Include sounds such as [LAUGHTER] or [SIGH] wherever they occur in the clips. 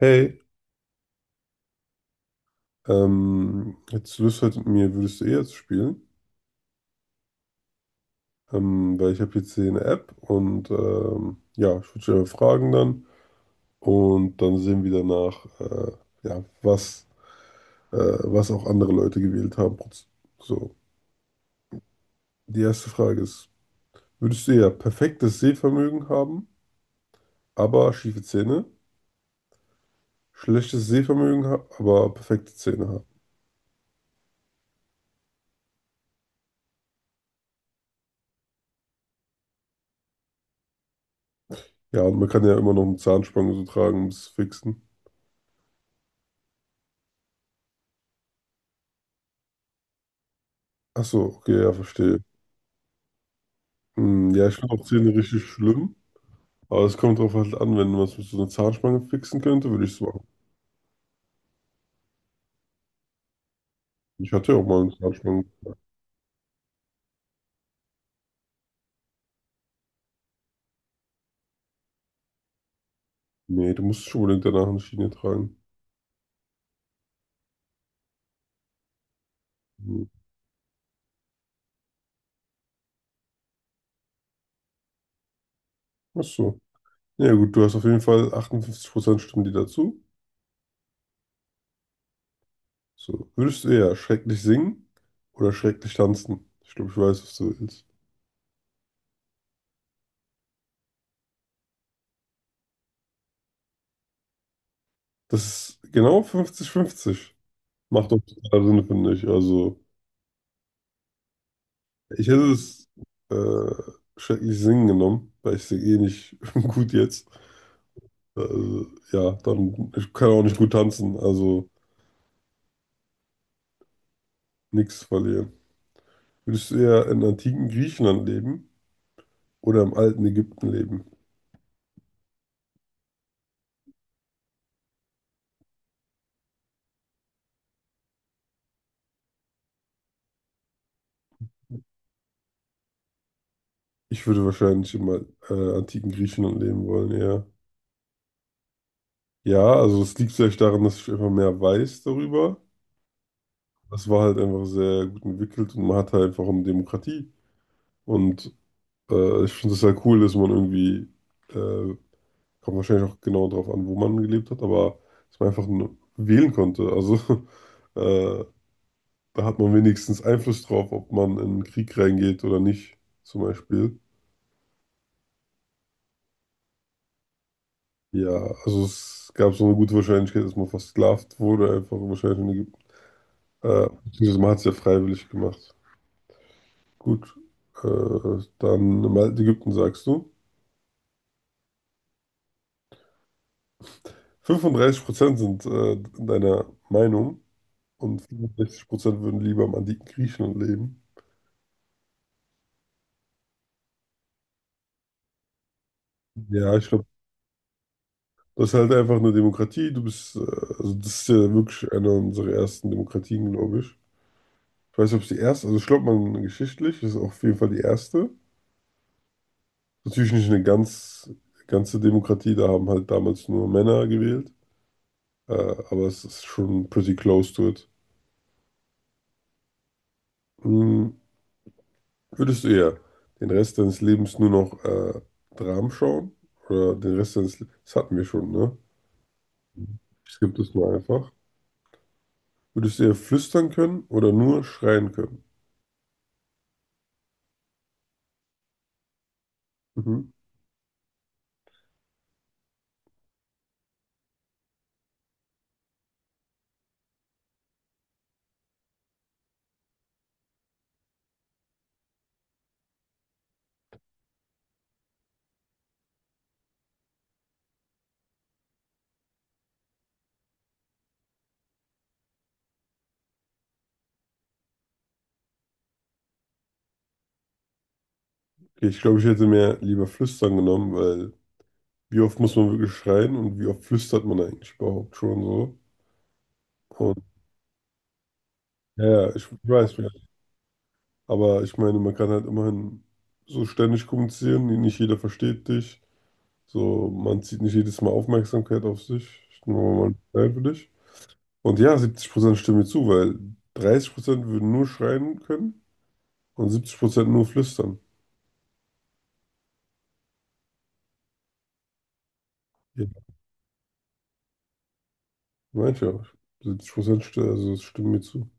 Hey, hättest du Lust heute mit mir, würdest du eh jetzt spielen? Weil ich habe jetzt hier eine App und ja, ich würde dich einfach fragen dann und dann sehen wir danach, ja, was, was auch andere Leute gewählt haben. So, die erste Frage ist, würdest du eher perfektes Sehvermögen haben, aber schiefe Zähne? Schlechtes Sehvermögen, ha aber perfekte Zähne haben? Ja, und man kann ja immer noch eine Zahnspange so tragen, um es zu fixen. Ach so, okay, ja, verstehe. Hm, ja, ich finde auch Zähne richtig schlimm. Aber es kommt drauf halt an, wenn man es mit so einer Zahnspange fixen könnte, würde ich es machen. Ich hatte ja auch mal eine Zahnspange. Nee, du musst schon unbedingt danach eine Schiene tragen. Hm. Ach so. Ja gut, du hast auf jeden Fall 58% Stimmen die dazu. So, würdest du eher schrecklich singen oder schrecklich tanzen? Ich glaube, ich weiß, was du willst. Das ist genau 50-50. Macht doch total Sinn, finde ich. Also, ich hätte es äh, schrecklich singen genommen, weil ich singe eh nicht [LAUGHS] gut jetzt. Also, ja, dann ich kann auch nicht gut tanzen, also nichts verlieren. Würdest du eher in antiken Griechenland leben oder im alten Ägypten leben? Ich würde wahrscheinlich im antiken Griechenland leben wollen, ja. Ja, also es liegt vielleicht daran, dass ich einfach mehr weiß darüber. Es war halt einfach sehr gut entwickelt und man hatte einfach eine Demokratie. Und ich finde es halt cool, dass man irgendwie, äh, kommt wahrscheinlich auch genau darauf an, wo man gelebt hat, aber dass man einfach wählen konnte. Also [LAUGHS] äh, da hat man wenigstens Einfluss drauf, ob man in den Krieg reingeht oder nicht, zum Beispiel. Ja, also es gab so eine gute Wahrscheinlichkeit, dass man versklavt wurde, einfach wahrscheinlich in Ägypten. Beziehungsweise man hat es ja freiwillig gemacht. Gut, dann im alten Ägypten sagst du. 35% sind deiner Meinung und 65% würden lieber im antiken Griechenland leben. Ja, ich glaube, das ist halt einfach eine Demokratie. Du bist, also das ist ja wirklich eine unserer ersten Demokratien, glaube ich. Ich weiß nicht, ob es die erste, also ich glaube, man geschichtlich ist auf jeden Fall die erste. Natürlich nicht eine ganze Demokratie, da haben halt damals nur Männer gewählt, aber es ist schon pretty close to it. Hm, würdest du eher den Rest deines Lebens nur noch Dramen schauen? Oder den Rest deines Lebens, das hatten wir schon, ne? Ich skippe das mal einfach. Würdest du eher flüstern können oder nur schreien können? Mhm. Okay, ich glaube, ich hätte mir lieber flüstern genommen, weil wie oft muss man wirklich schreien und wie oft flüstert man eigentlich überhaupt schon so? Und ja, ja, ich weiß ja. Aber ich meine, man kann halt immerhin so ständig kommunizieren, nicht jeder versteht dich. So, man zieht nicht jedes Mal Aufmerksamkeit auf sich. Ich nehme mal einen Teil für dich. Und ja, 70% stimmen mir zu, weil 30% würden nur schreien können und 70% nur flüstern. Ja, meinte ich ja. 70% st also es stimmen mir zu.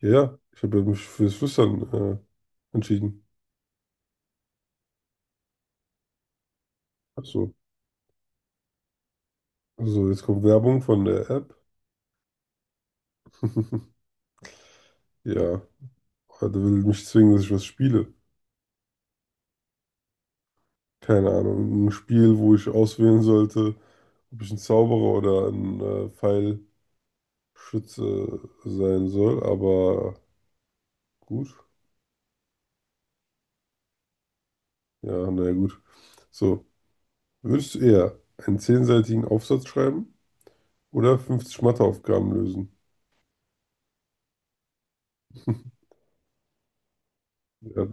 Ja, ja, ich habe ja mich fürs Flüstern entschieden. Achso. So, jetzt kommt Werbung von der App. [LAUGHS] Ja, aber der will mich zwingen, dass ich was spiele. Keine Ahnung, ein Spiel, wo ich auswählen sollte, ob ich ein Zauberer oder ein Pfeilschütze sein soll. Aber gut, ja, naja, gut. So, würdest du eher einen zehnseitigen Aufsatz schreiben oder 50 Matheaufgaben lösen? [LAUGHS] Ja,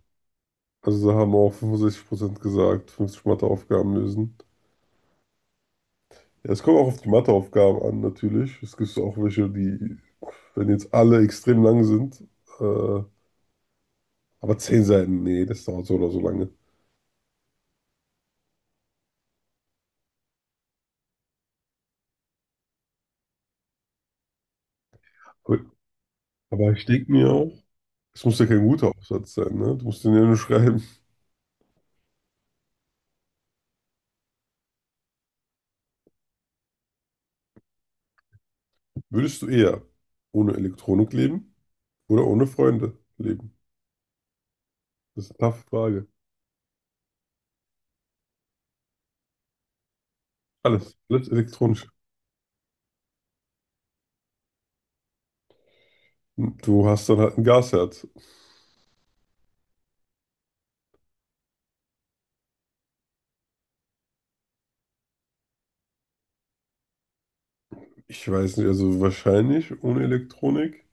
also da haben auch 65% gesagt, 50 Matheaufgaben lösen. Ja, es kommt auch auf die Matheaufgaben an, natürlich. Es gibt auch welche, die, wenn jetzt alle extrem lang sind, äh, aber 10 Seiten, nee, das dauert so oder so lange. Gut. Aber ich denke mir auch, es muss ja kein guter Aufsatz sein, ne? Du musst den ja nur schreiben. Würdest du eher ohne Elektronik leben oder ohne Freunde leben? Das ist eine taffe Frage. Alles, alles elektronisch. Du hast dann halt ein Gasherd. Ich weiß nicht, also wahrscheinlich ohne Elektronik,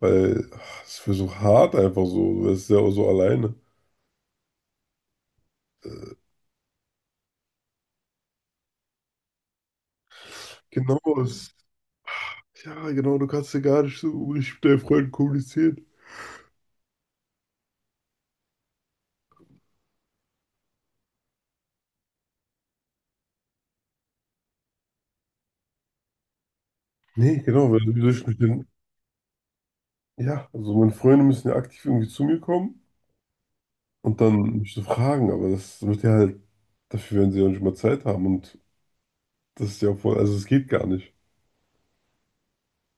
weil ach, es wäre so hart einfach so. Du wärst ja auch so alleine. Genau, es, ja, genau, du kannst ja gar nicht so richtig mit deinen Freunden kommunizieren. Nee, genau, weil wie soll ich mit den, ja, also meine Freunde müssen ja aktiv irgendwie zu mir kommen und dann mich so fragen, aber das wird ja halt, dafür werden sie ja nicht mal Zeit haben und das ist ja voll, also es geht gar nicht.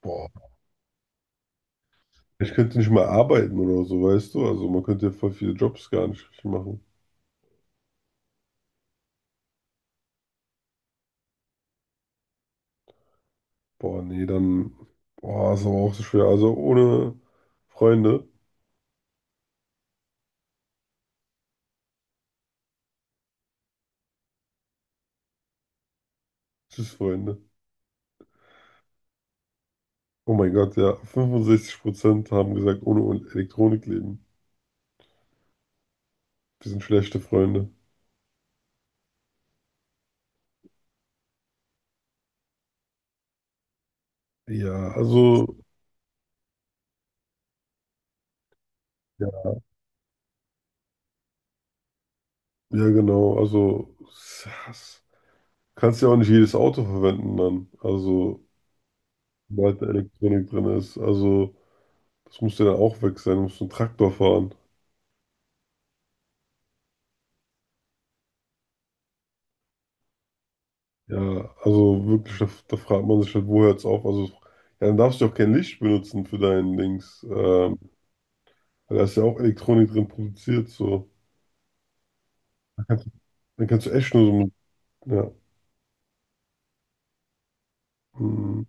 Boah, ich könnte nicht mal arbeiten oder so, weißt du, also man könnte ja voll viele Jobs gar nicht richtig machen. Boah, nee, dann, boah, ist aber auch so schwer, also ohne Freunde, tschüss Freunde. Oh mein Gott, ja. 65% haben gesagt, ohne Elektronik leben. Wir sind schlechte Freunde. Ja, also, ja, ja genau. Also, kannst ja auch nicht jedes Auto verwenden dann. Also, sobald da Elektronik drin ist. Also, das muss ja dann auch weg sein. Du musst einen Traktor fahren. Ja, also wirklich, da fragt man sich halt, wo hört's auf? Also, ja, dann darfst du ja auch kein Licht benutzen für deinen Dings. Weil da ist ja auch Elektronik drin produziert, so. Dann kannst du echt nur so mit, ja. Mm.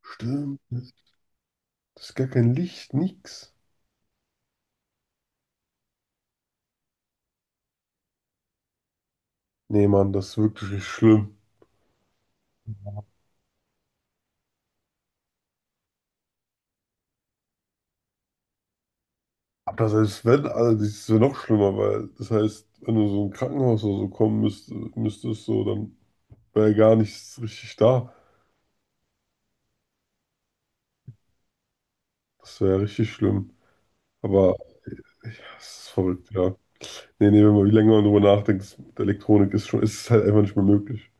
Stimmt. Das ist gar kein Licht, nix. Nee, Mann, das ist wirklich richtig schlimm. Aber das heißt, wenn, also das ist ja noch schlimmer, weil das heißt, wenn du so ein Krankenhaus oder so kommen müsstest, so, dann wäre ja gar nichts richtig da. Das wäre ja richtig schlimm. Aber ja, es ist verrückt, ja. Nee, nee, wenn man wie länger man drüber nachdenkt, mit Elektronik ist schon, ist es halt einfach nicht mehr möglich.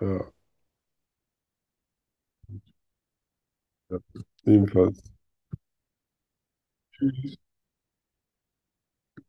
Ja, ja. Jedenfalls.